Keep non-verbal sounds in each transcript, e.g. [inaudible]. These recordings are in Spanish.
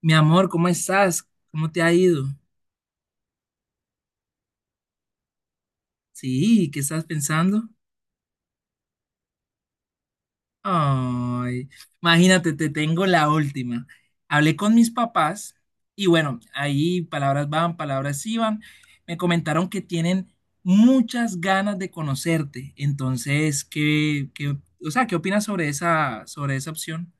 Mi amor, ¿cómo estás? ¿Cómo te ha ido? Sí, ¿qué estás pensando? Ay, imagínate, te tengo la última. Hablé con mis papás y bueno, ahí palabras van, palabras iban. Me comentaron que tienen muchas ganas de conocerte. Entonces, ¿qué opinas sobre esa opción?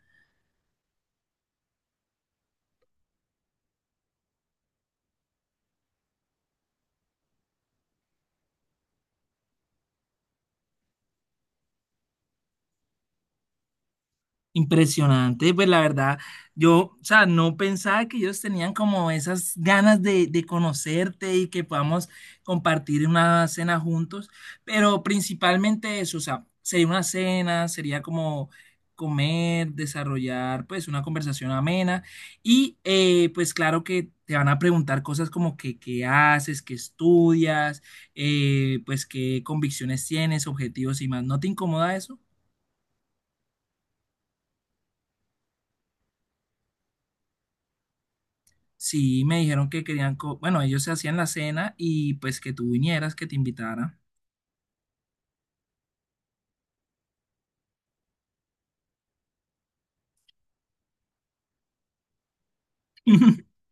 Impresionante, pues la verdad, yo, o sea, no pensaba que ellos tenían como esas ganas de conocerte y que podamos compartir una cena juntos, pero principalmente eso, o sea, sería una cena, sería como comer, desarrollar pues una conversación amena y pues claro que te van a preguntar cosas como que qué haces, qué estudias, pues qué convicciones tienes, objetivos y más, ¿no te incomoda eso? Sí, me dijeron que querían, bueno, ellos se hacían la cena y pues que tú vinieras, que te invitara. [laughs]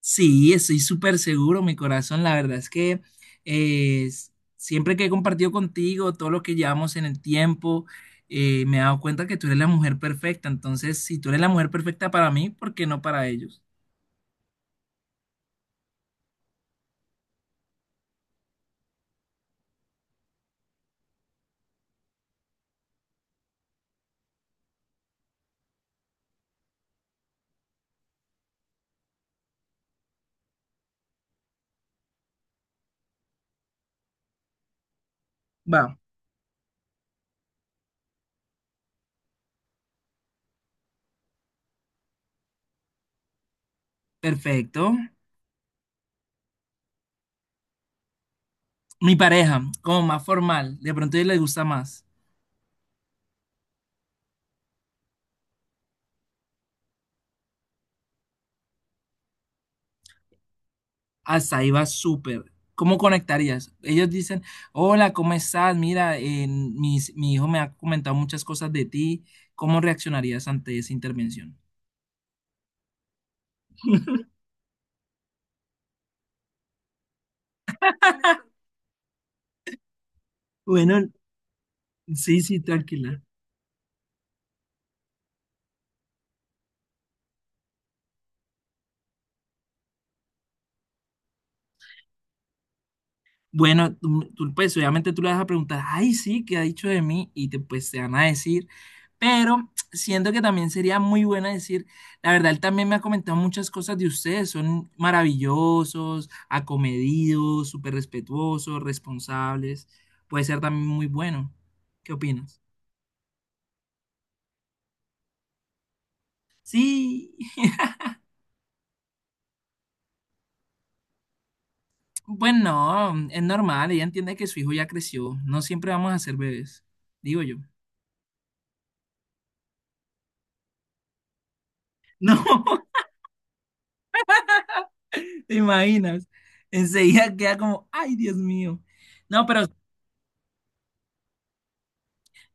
Sí, estoy súper seguro, mi corazón. La verdad es que eh, s- siempre que he compartido contigo todo lo que llevamos en el tiempo, me he dado cuenta que tú eres la mujer perfecta. Entonces, si tú eres la mujer perfecta para mí, ¿por qué no para ellos? Va, perfecto. Mi pareja, como más formal, de pronto a ellos les gusta más. Hasta ahí va súper. ¿Cómo conectarías? Ellos dicen, hola, ¿cómo estás? Mira, mi hijo me ha comentado muchas cosas de ti. ¿Cómo reaccionarías ante esa intervención? Bueno, sí, sí, tranquila. Bueno, tú, pues obviamente tú le vas a preguntar, ay, sí, ¿qué ha dicho de mí? Y te, pues te van a decir, pero siento que también sería muy buena decir, la verdad, él también me ha comentado muchas cosas de ustedes, son maravillosos, acomedidos, súper respetuosos, responsables, puede ser también muy bueno. ¿Qué opinas? Sí, [laughs] bueno, es normal, ella entiende que su hijo ya creció, no siempre vamos a ser bebés, digo yo. [laughs] No. ¿Te imaginas? Enseguida queda como, ay, Dios mío. No, pero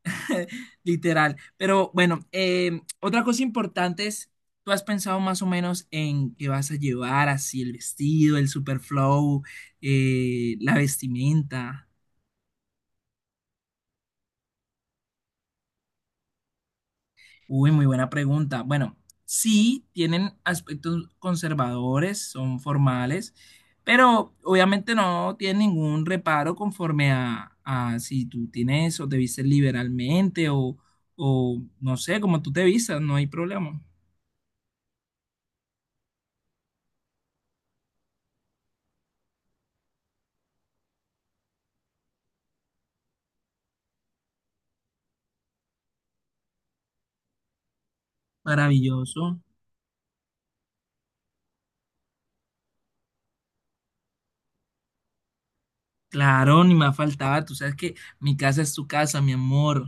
[laughs] literal. Pero bueno, otra cosa importante es, ¿tú has pensado más o menos en qué vas a llevar, así el vestido, el super flow, la vestimenta? Uy, muy buena pregunta. Bueno, sí, tienen aspectos conservadores, son formales, pero obviamente no tienen ningún reparo conforme a si tú tienes o te vistes liberalmente o no sé, como tú te vistas, no hay problema. Maravilloso. Claro, ni más faltaba. Tú sabes que mi casa es tu casa, mi amor.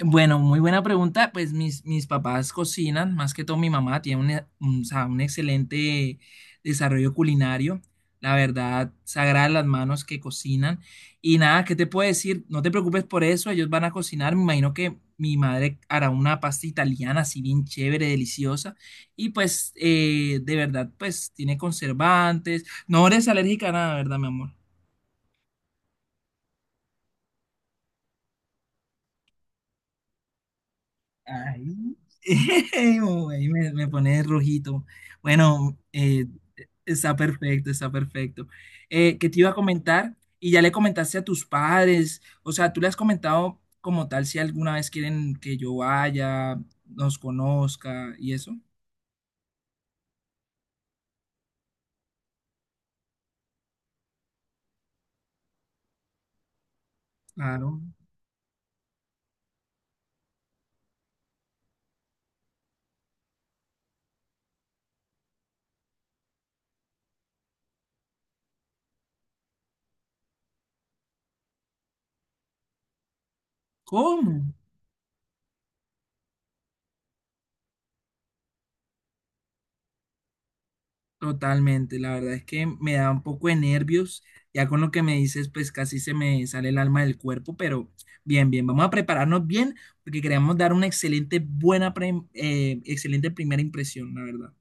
Bueno, muy buena pregunta. Pues mis papás cocinan, más que todo mi mamá tiene un, o sea, un excelente desarrollo culinario. La verdad, sagradas las manos que cocinan. Y nada, ¿qué te puedo decir? No te preocupes por eso, ellos van a cocinar. Me imagino que mi madre hará una pasta italiana así bien chévere, deliciosa. Y pues, de verdad, pues tiene conservantes. No eres alérgica a nada, ¿verdad, mi amor? Ay, [laughs] oh, ahí me, me pone rojito. Bueno, está perfecto, está perfecto. ¿Qué te iba a comentar? Y ya le comentaste a tus padres, o sea, tú le has comentado como tal si alguna vez quieren que yo vaya, nos conozca y eso. Claro. ¿Cómo? Totalmente, la verdad es que me da un poco de nervios, ya con lo que me dices, pues casi se me sale el alma del cuerpo, pero bien, bien, vamos a prepararnos bien porque queremos dar una excelente, buena, excelente primera impresión, la verdad.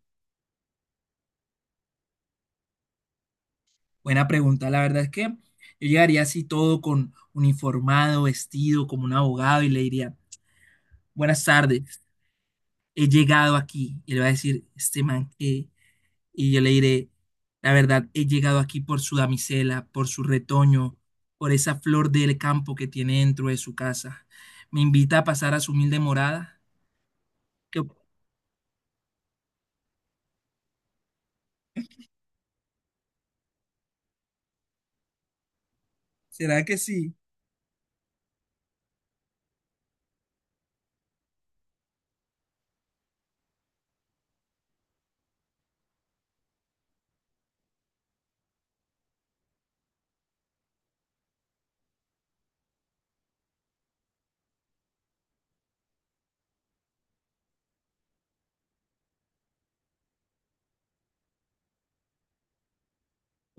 Buena pregunta, la verdad es que yo llegaría así todo con uniformado, vestido como un abogado y le diría, buenas tardes, he llegado aquí, y le va a decir, este man, y yo le diré, la verdad, he llegado aquí por su damisela, por su retoño, por esa flor del campo que tiene dentro de su casa. Me invita a pasar a su humilde morada. ¿Qué op- ¿Será que sí?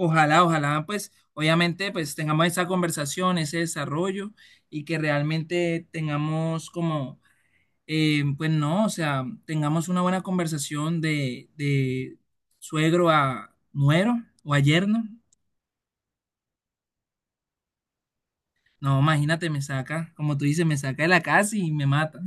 Ojalá, ojalá, pues obviamente pues tengamos esa conversación, ese desarrollo y que realmente tengamos como, pues no, o sea, tengamos una buena conversación de suegro a nuero o a yerno. No, imagínate, me saca, como tú dices, me saca de la casa y me mata.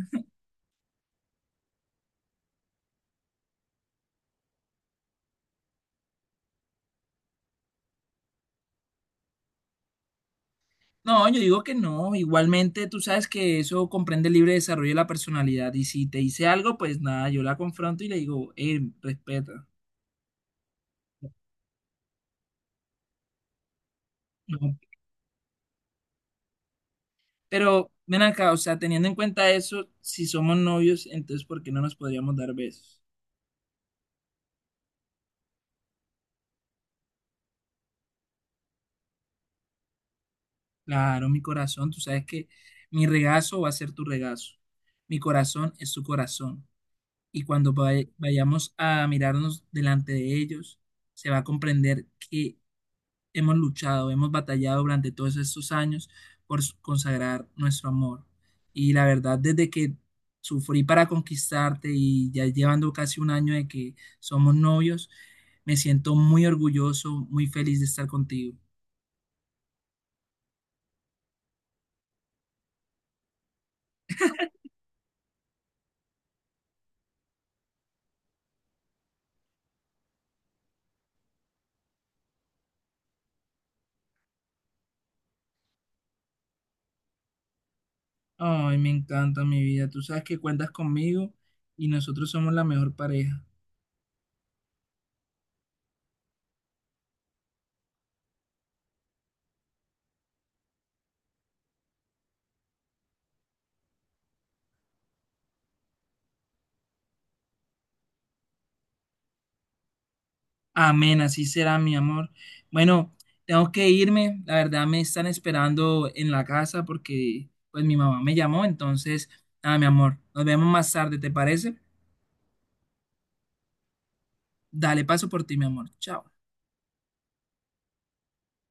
No, yo digo que no, igualmente tú sabes que eso comprende el libre desarrollo de la personalidad y si te dice algo, pues nada, yo la confronto y le digo, respeta. No. Pero ven acá, o sea, teniendo en cuenta eso, si somos novios, entonces ¿por qué no nos podríamos dar besos? Claro, mi corazón, tú sabes que mi regazo va a ser tu regazo, mi corazón es tu corazón. Y cuando vayamos a mirarnos delante de ellos, se va a comprender que hemos luchado, hemos batallado durante todos estos años por consagrar nuestro amor. Y la verdad, desde que sufrí para conquistarte y ya llevando casi un año de que somos novios, me siento muy orgulloso, muy feliz de estar contigo. Ay, me encanta mi vida. Tú sabes que cuentas conmigo y nosotros somos la mejor pareja. Amén, así será, mi amor. Bueno, tengo que irme. La verdad me están esperando en la casa porque pues mi mamá me llamó. Entonces, nada, mi amor, nos vemos más tarde, ¿te parece? Dale, paso por ti, mi amor. Chao.